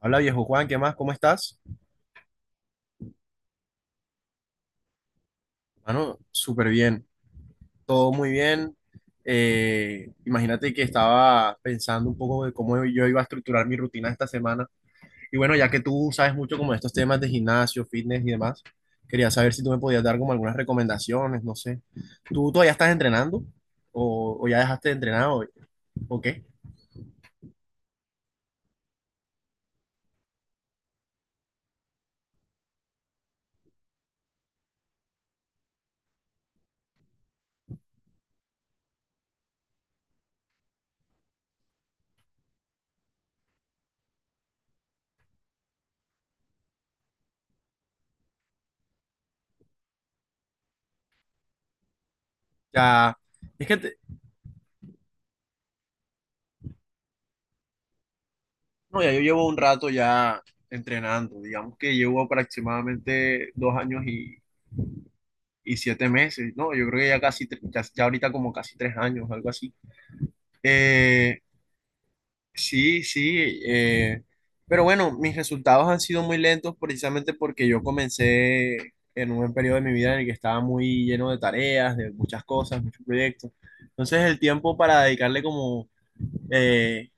Hola viejo Juan, ¿qué más? ¿Cómo estás? Mano, súper bien, todo muy bien. Imagínate que estaba pensando un poco de cómo yo iba a estructurar mi rutina esta semana. Y bueno, ya que tú sabes mucho como de estos temas de gimnasio, fitness y demás, quería saber si tú me podías dar como algunas recomendaciones, no sé. ¿Tú todavía estás entrenando? ¿O ya dejaste de entrenar? O qué? Ya, es que, te- no, ya yo llevo un rato ya entrenando, digamos que llevo aproximadamente 2 años y 7 meses, ¿no? Yo creo que ya casi, ya ahorita como casi 3 años, algo así. Eh, sí, sí, eh, pero bueno, mis resultados han sido muy lentos precisamente porque yo comencé en un periodo de mi vida en el que estaba muy lleno de tareas, de muchas cosas, muchos proyectos. Entonces el tiempo para dedicarle como eh,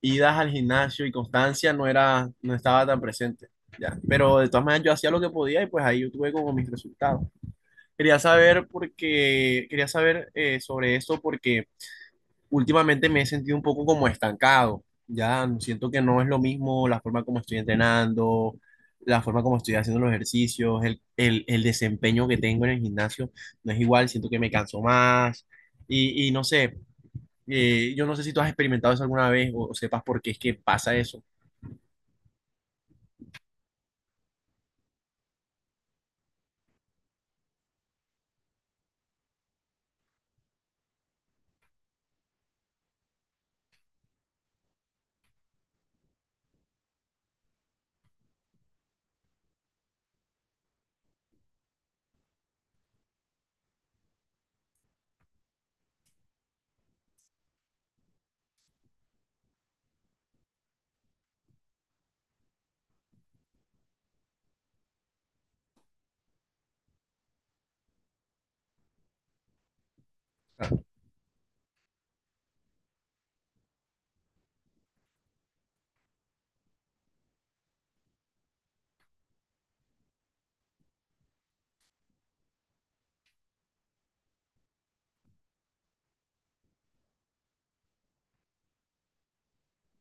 idas al gimnasio y constancia no estaba tan presente, ya. Pero de todas maneras yo hacía lo que podía y pues ahí yo tuve como mis resultados. Quería saber porque quería saber sobre esto porque últimamente me he sentido un poco como estancado. Ya no, siento que no es lo mismo la forma como estoy entrenando, la forma como estoy haciendo los ejercicios, el desempeño que tengo en el gimnasio no es igual, siento que me canso más y, no sé, yo no sé si tú has experimentado eso alguna vez o sepas por qué es que pasa eso.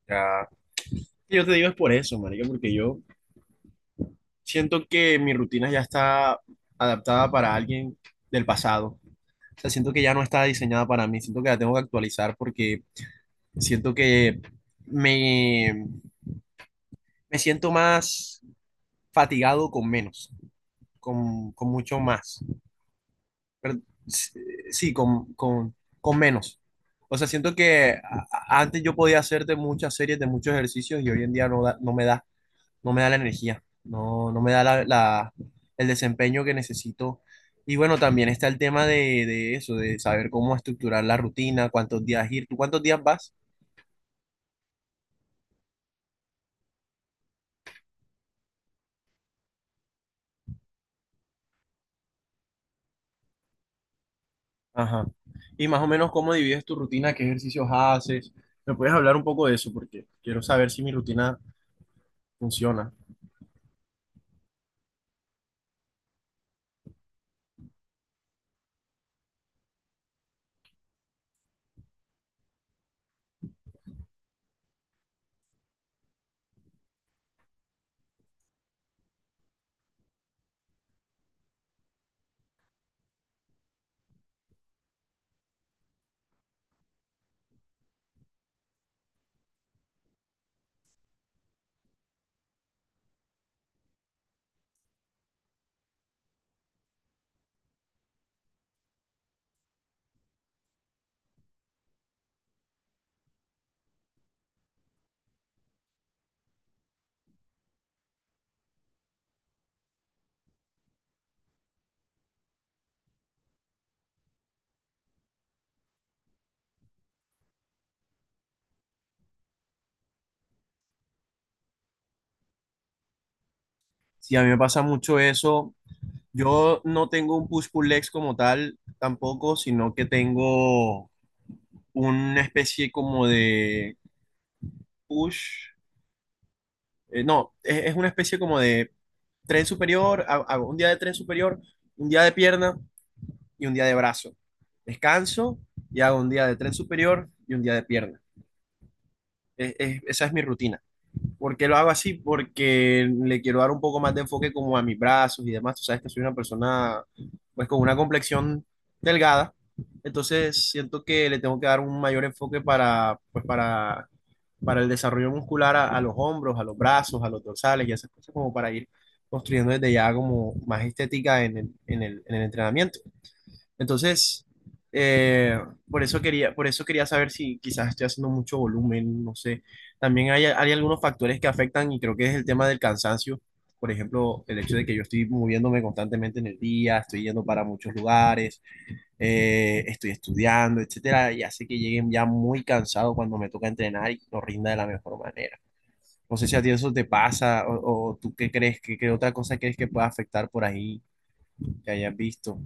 Ya, yo te digo es por eso, marica, porque yo siento que mi rutina ya está adaptada para alguien del pasado sea, siento que ya no está diseñada para mí, siento que la tengo que actualizar porque siento que me, me siento más fatigado con menos, con mucho más, pero s- sí, con menos. O sea, siento que antes yo podía hacer de muchas series, de muchos ejercicios y hoy en día no, no me da. No me da la energía, no me da el desempeño que necesito. Y bueno, también está el tema de eso, de saber cómo estructurar la rutina, cuántos días ir, ¿tú cuántos días vas? Ajá. Y más o menos cómo divides tu rutina, qué ejercicios haces. ¿Me puedes hablar un poco de eso? Porque quiero saber si mi rutina funciona. Sí, a mí me pasa mucho eso. Yo no tengo un push-pull-legs como tal tampoco, sino que tengo una especie como de push. No, es una especie como de tren superior, hago un día de tren superior, un día de pierna y un día de brazo. Descanso y hago un día de tren superior y un día de pierna. Esa es mi rutina. ¿Por qué lo hago así? Porque le quiero dar un poco más de enfoque como a mis brazos y demás. Tú sabes que soy una persona pues con una complexión delgada, entonces siento que le tengo que dar un mayor enfoque para para el desarrollo muscular a los hombros, a los brazos, a los dorsales y esas cosas como para ir construyendo desde ya como más estética en en el entrenamiento. Entonces, eh, por eso quería saber si quizás estoy haciendo mucho volumen, no sé. También hay algunos factores que afectan y creo que es el tema del cansancio. Por ejemplo, el hecho de que yo estoy moviéndome constantemente en el día, estoy yendo para muchos lugares, estoy estudiando, etcétera, y hace que lleguen ya muy cansado cuando me toca entrenar y no rinda de la mejor manera. No sé si a ti eso te pasa o tú qué crees, qué otra cosa crees que pueda afectar por ahí que hayas visto.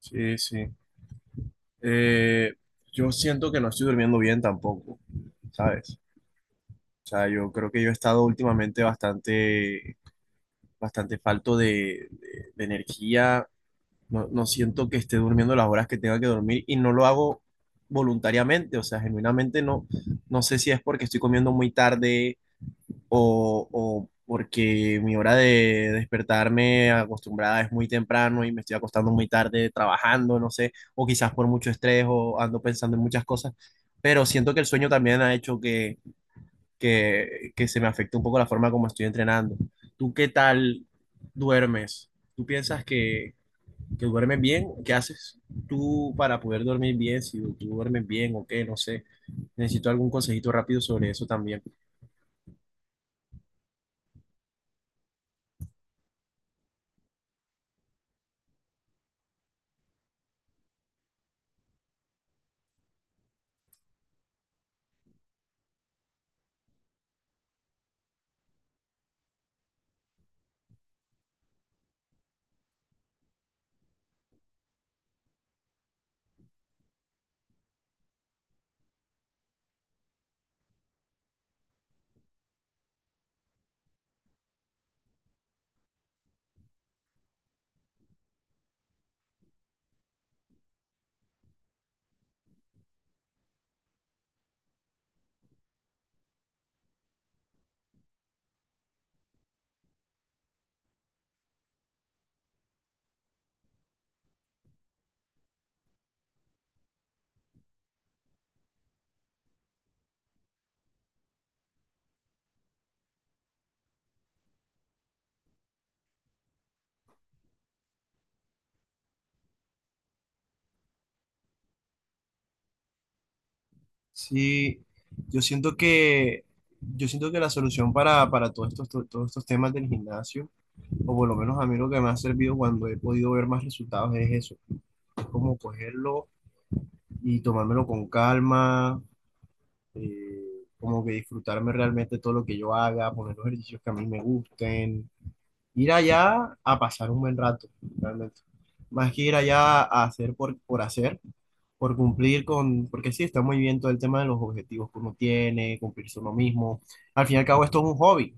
Sí, sí. Eh, yo siento que no estoy durmiendo bien tampoco, ¿sabes? O sea, yo creo que yo he estado últimamente bastante falto de energía. No siento que esté durmiendo las horas que tenga que dormir y no lo hago voluntariamente. O sea, genuinamente no, no sé si es porque estoy comiendo muy tarde, o porque mi hora de despertarme acostumbrada es muy temprano y me estoy acostando muy tarde trabajando, no sé, o quizás por mucho estrés o ando pensando en muchas cosas, pero siento que el sueño también ha hecho que se me afecte un poco la forma como estoy entrenando. ¿Tú qué tal duermes? ¿Tú piensas que duermes bien? ¿Qué haces tú para poder dormir bien? Si tú duermes bien o qué, no sé. Necesito algún consejito rápido sobre eso también. Sí, yo siento yo siento que la solución para todos estos, todos estos temas del gimnasio, o por lo menos a mí lo que me ha servido cuando he podido ver más resultados es eso, es como cogerlo y tomármelo con calma, como que disfrutarme realmente todo lo que yo haga, poner los ejercicios que a mí me gusten, ir allá a pasar un buen rato, realmente. Más que ir allá a hacer por hacer, por cumplir con, porque sí, está muy bien todo el tema de los objetivos que uno tiene, cumplirse uno mismo. Al fin y al cabo, esto es un hobby,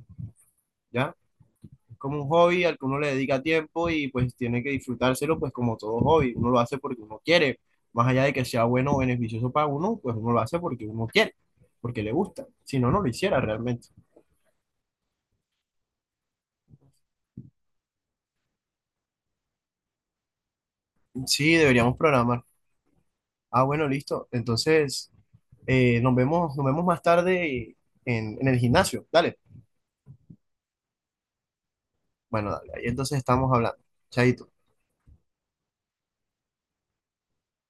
¿ya? Es como un hobby al que uno le dedica tiempo y pues tiene que disfrutárselo, pues como todo hobby, uno lo hace porque uno quiere. Más allá de que sea bueno o beneficioso para uno, pues uno lo hace porque uno quiere, porque le gusta. Si no, no lo hiciera realmente. Sí, deberíamos programar. Ah, bueno, listo. Entonces... nos vemos más tarde en el gimnasio. Dale. Bueno, dale. Ahí entonces estamos hablando. Chaito.